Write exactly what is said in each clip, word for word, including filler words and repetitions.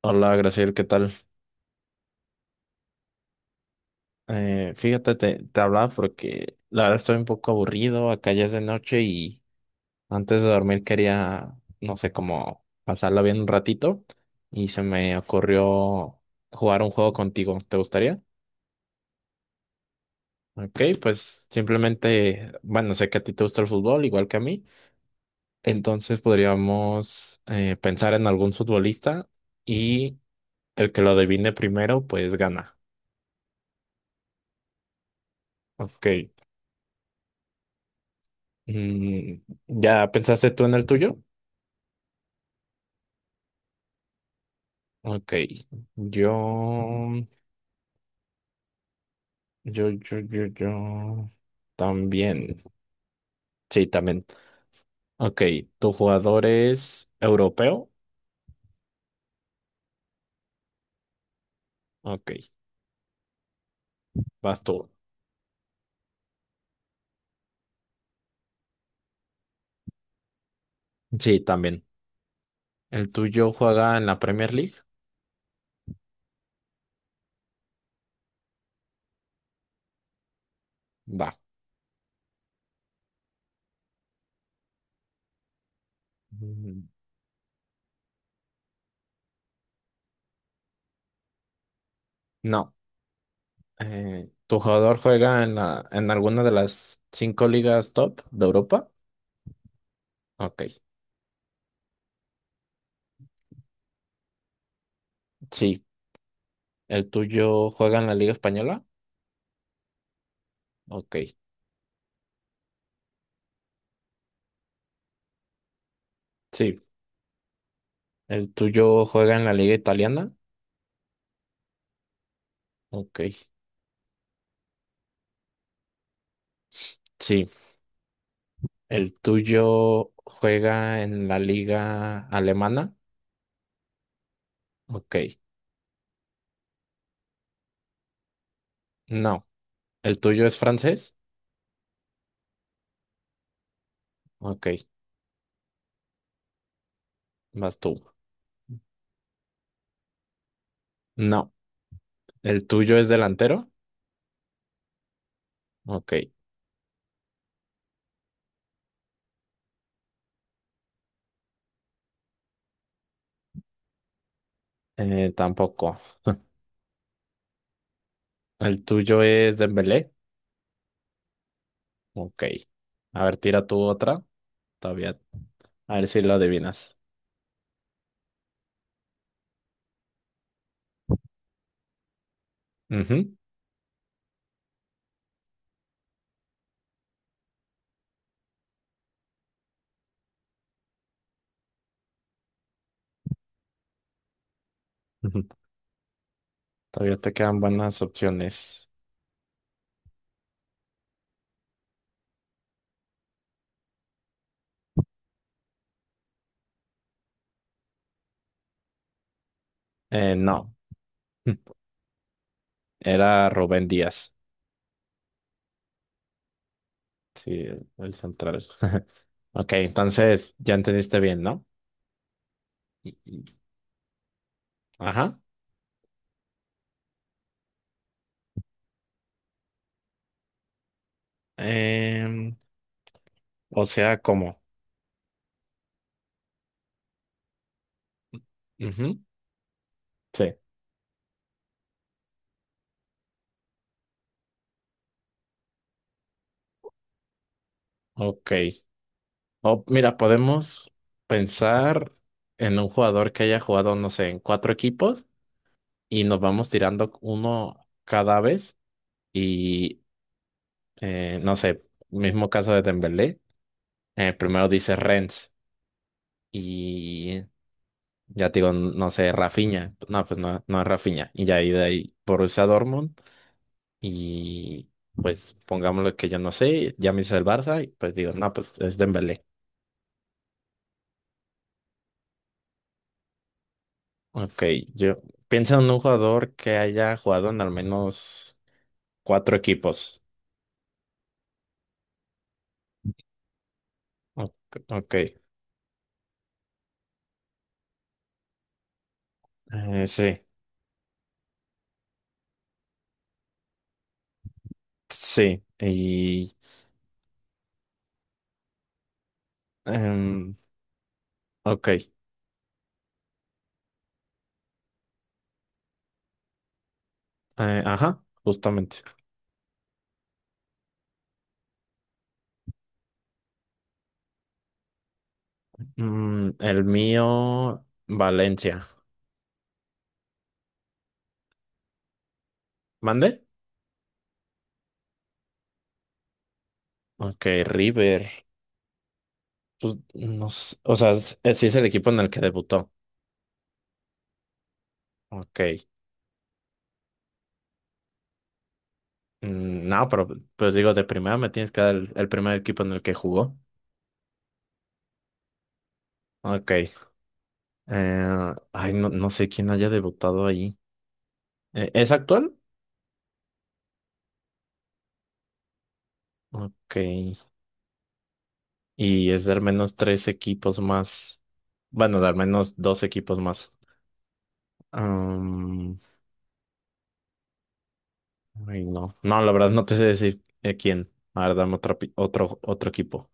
Hola, Graciel, ¿qué tal? Eh, fíjate, te, te hablaba porque la verdad estoy un poco aburrido, acá ya es de noche y antes de dormir quería, no sé, como pasarla bien un ratito y se me ocurrió jugar un juego contigo, ¿te gustaría? Ok, pues simplemente, bueno, sé que a ti te gusta el fútbol, igual que a mí, entonces podríamos eh, pensar en algún futbolista y el que lo adivine primero, pues gana. Ok. Mm, ¿ya pensaste tú en el tuyo? Ok, yo, yo, yo, yo, yo, también. Sí, también. Ok, ¿tu jugador es europeo? Ok, vas tú. Sí, también. ¿El tuyo juega en la Premier League? Va. Mm, no. Eh, ¿tu jugador juega en la, en alguna de las cinco ligas top de Europa? Ok, sí. ¿El tuyo juega en la Liga Española? Ok. Sí. ¿El tuyo juega en la liga italiana? Ok, sí. ¿El tuyo juega en la liga alemana? Ok, no. ¿El tuyo es francés? Ok, vas tú. No. ¿El tuyo es delantero? Ok, eh, tampoco. ¿El tuyo es Dembélé? Ok. A ver, tira tú otra. Todavía. A ver si lo adivinas. Ujú, ujú. Todavía te quedan buenas opciones. Eh, no. Era Rubén Díaz. Sí, el central. Ok, entonces ya entendiste bien, ¿no? Y- y- Ajá. Em, o sea, ¿cómo? Ujú, sí, ok. O, mira, podemos pensar en un jugador que haya jugado, no sé, en cuatro equipos y nos vamos tirando uno cada vez y, eh, no sé, mismo caso de Dembélé, eh, primero dice Rennes y ya te digo, no sé, Rafinha. No, pues no, no es Rafinha. Y ya ahí de ahí Borussia Dortmund. Y pues pongámoslo que yo no sé, ya me hice el Barça. Y pues digo, no, pues es Dembélé. Ok, yo pienso en un jugador que haya jugado en al menos cuatro equipos. Ok, ok, eh, sí, sí. Y, em, ok, eh, ajá, justamente. Mm, el mío, Valencia. ¿Mande? Ok, River. Pues, no sé, o sea, es- sí es el equipo en el que debutó. Ok. Mm, no, pero pues digo, de primera me tienes que dar el, el primer equipo en el que jugó. Ok. Eh, ay, no, no sé quién haya debutado ahí. Eh, ¿es actual? Ok. Y es de al menos tres equipos más. Bueno, de al menos dos equipos más. Am, ay, no. No, la verdad no te sé decir eh, quién. A ver, dame otro, pi- otro, otro equipo.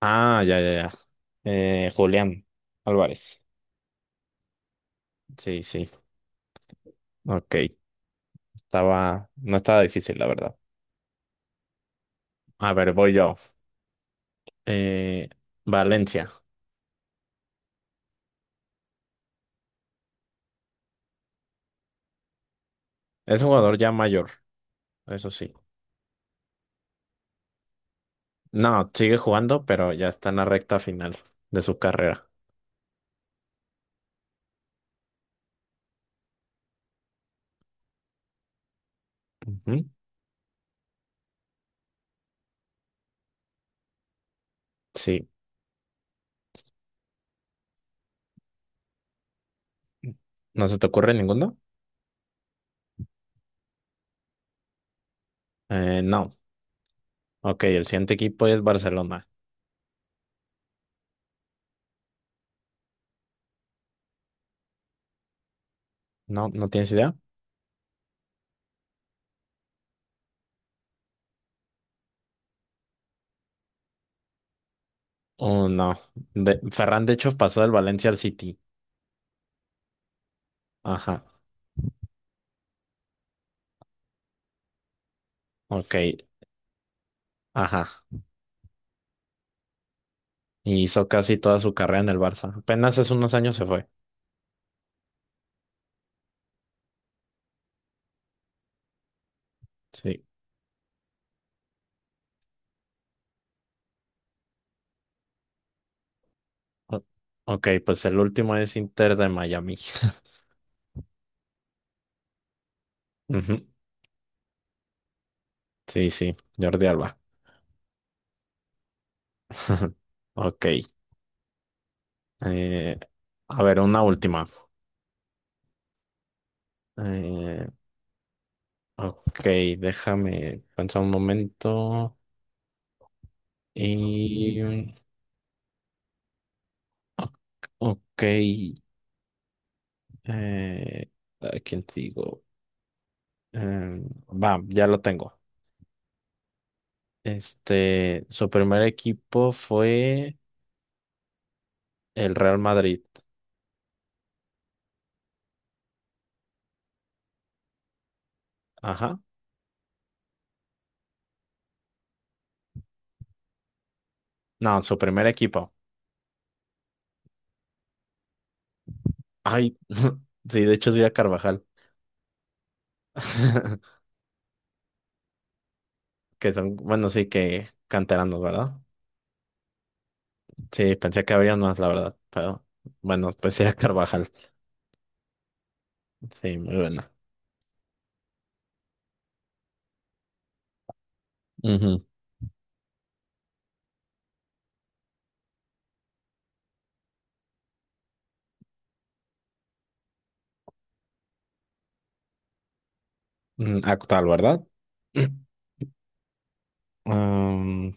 Ah, ya, ya, ya. Eh, Julián Álvarez. Sí, sí. Ok. Estaba, no estaba difícil, la verdad. A ver, voy yo. Eh, Valencia. Es un jugador ya mayor, eso sí. No, sigue jugando, pero ya está en la recta final de su carrera. Ujú. Sí. ¿No se te ocurre ninguno? Eh, no. Ok, el siguiente equipo es Barcelona. No, ¿no tienes idea? Oh, no. De, Ferran, de hecho, pasó del Valencia al City. Ajá. Ok. Ajá. Y hizo casi toda su carrera en el Barça. Apenas hace unos años se fue. Sí. O- Ok, pues el último es Inter de Miami. Ujú. Sí, sí, Jordi Alba. Ok. Eh, a ver, una última. Eh, ok, déjame pensar un momento. Y. o- Ok. eh, ¿a quién te digo? Em, va, ya lo tengo. Este, su primer equipo fue el Real Madrid. Ajá. No, su primer equipo. Ay, sí, de hecho es Frida Carvajal. Que son, bueno, sí que canteranos, ¿verdad? Sí, pensé que habría más, la verdad. Pero bueno, pues era Carvajal. Sí, muy buena. Ujú. Mm, actual, ¿verdad? Um,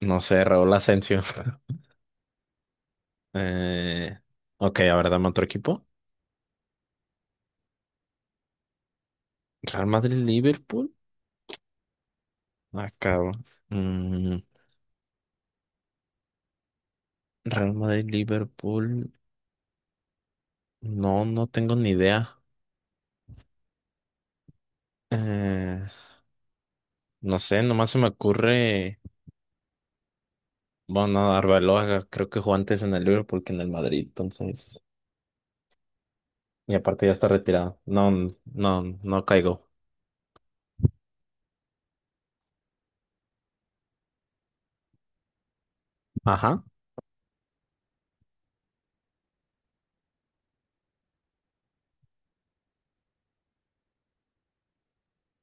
no sé, Raúl Asensio. Eh, ok, a ver, dame otro equipo. Real Madrid-Liverpool. Acabo. Mm, Real Madrid-Liverpool. No, no tengo ni idea. Eh, no sé, nomás se me ocurre. Bueno, no, Arbeloa creo que jugó antes en el Liverpool que en el Madrid, entonces. Y aparte ya está retirado. No, no, no caigo. Ajá.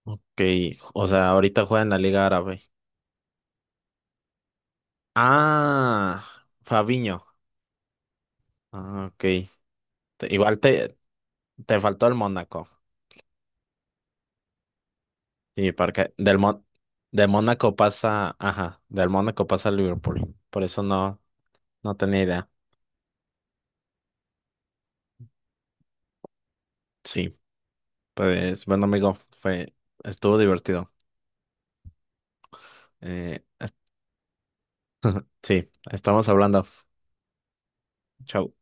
Ok. O sea, ahorita juega en la Liga Árabe. Ah, Fabiño. Ah, ok. Te- igual te, te faltó el Mónaco. Sí, porque del Mon del Mónaco pasa. Ajá. Del Mónaco pasa al Liverpool. Por eso no, no tenía idea. Sí. Pues bueno, amigo, fue, estuvo divertido. Eh, es- sí, estamos hablando. Chau.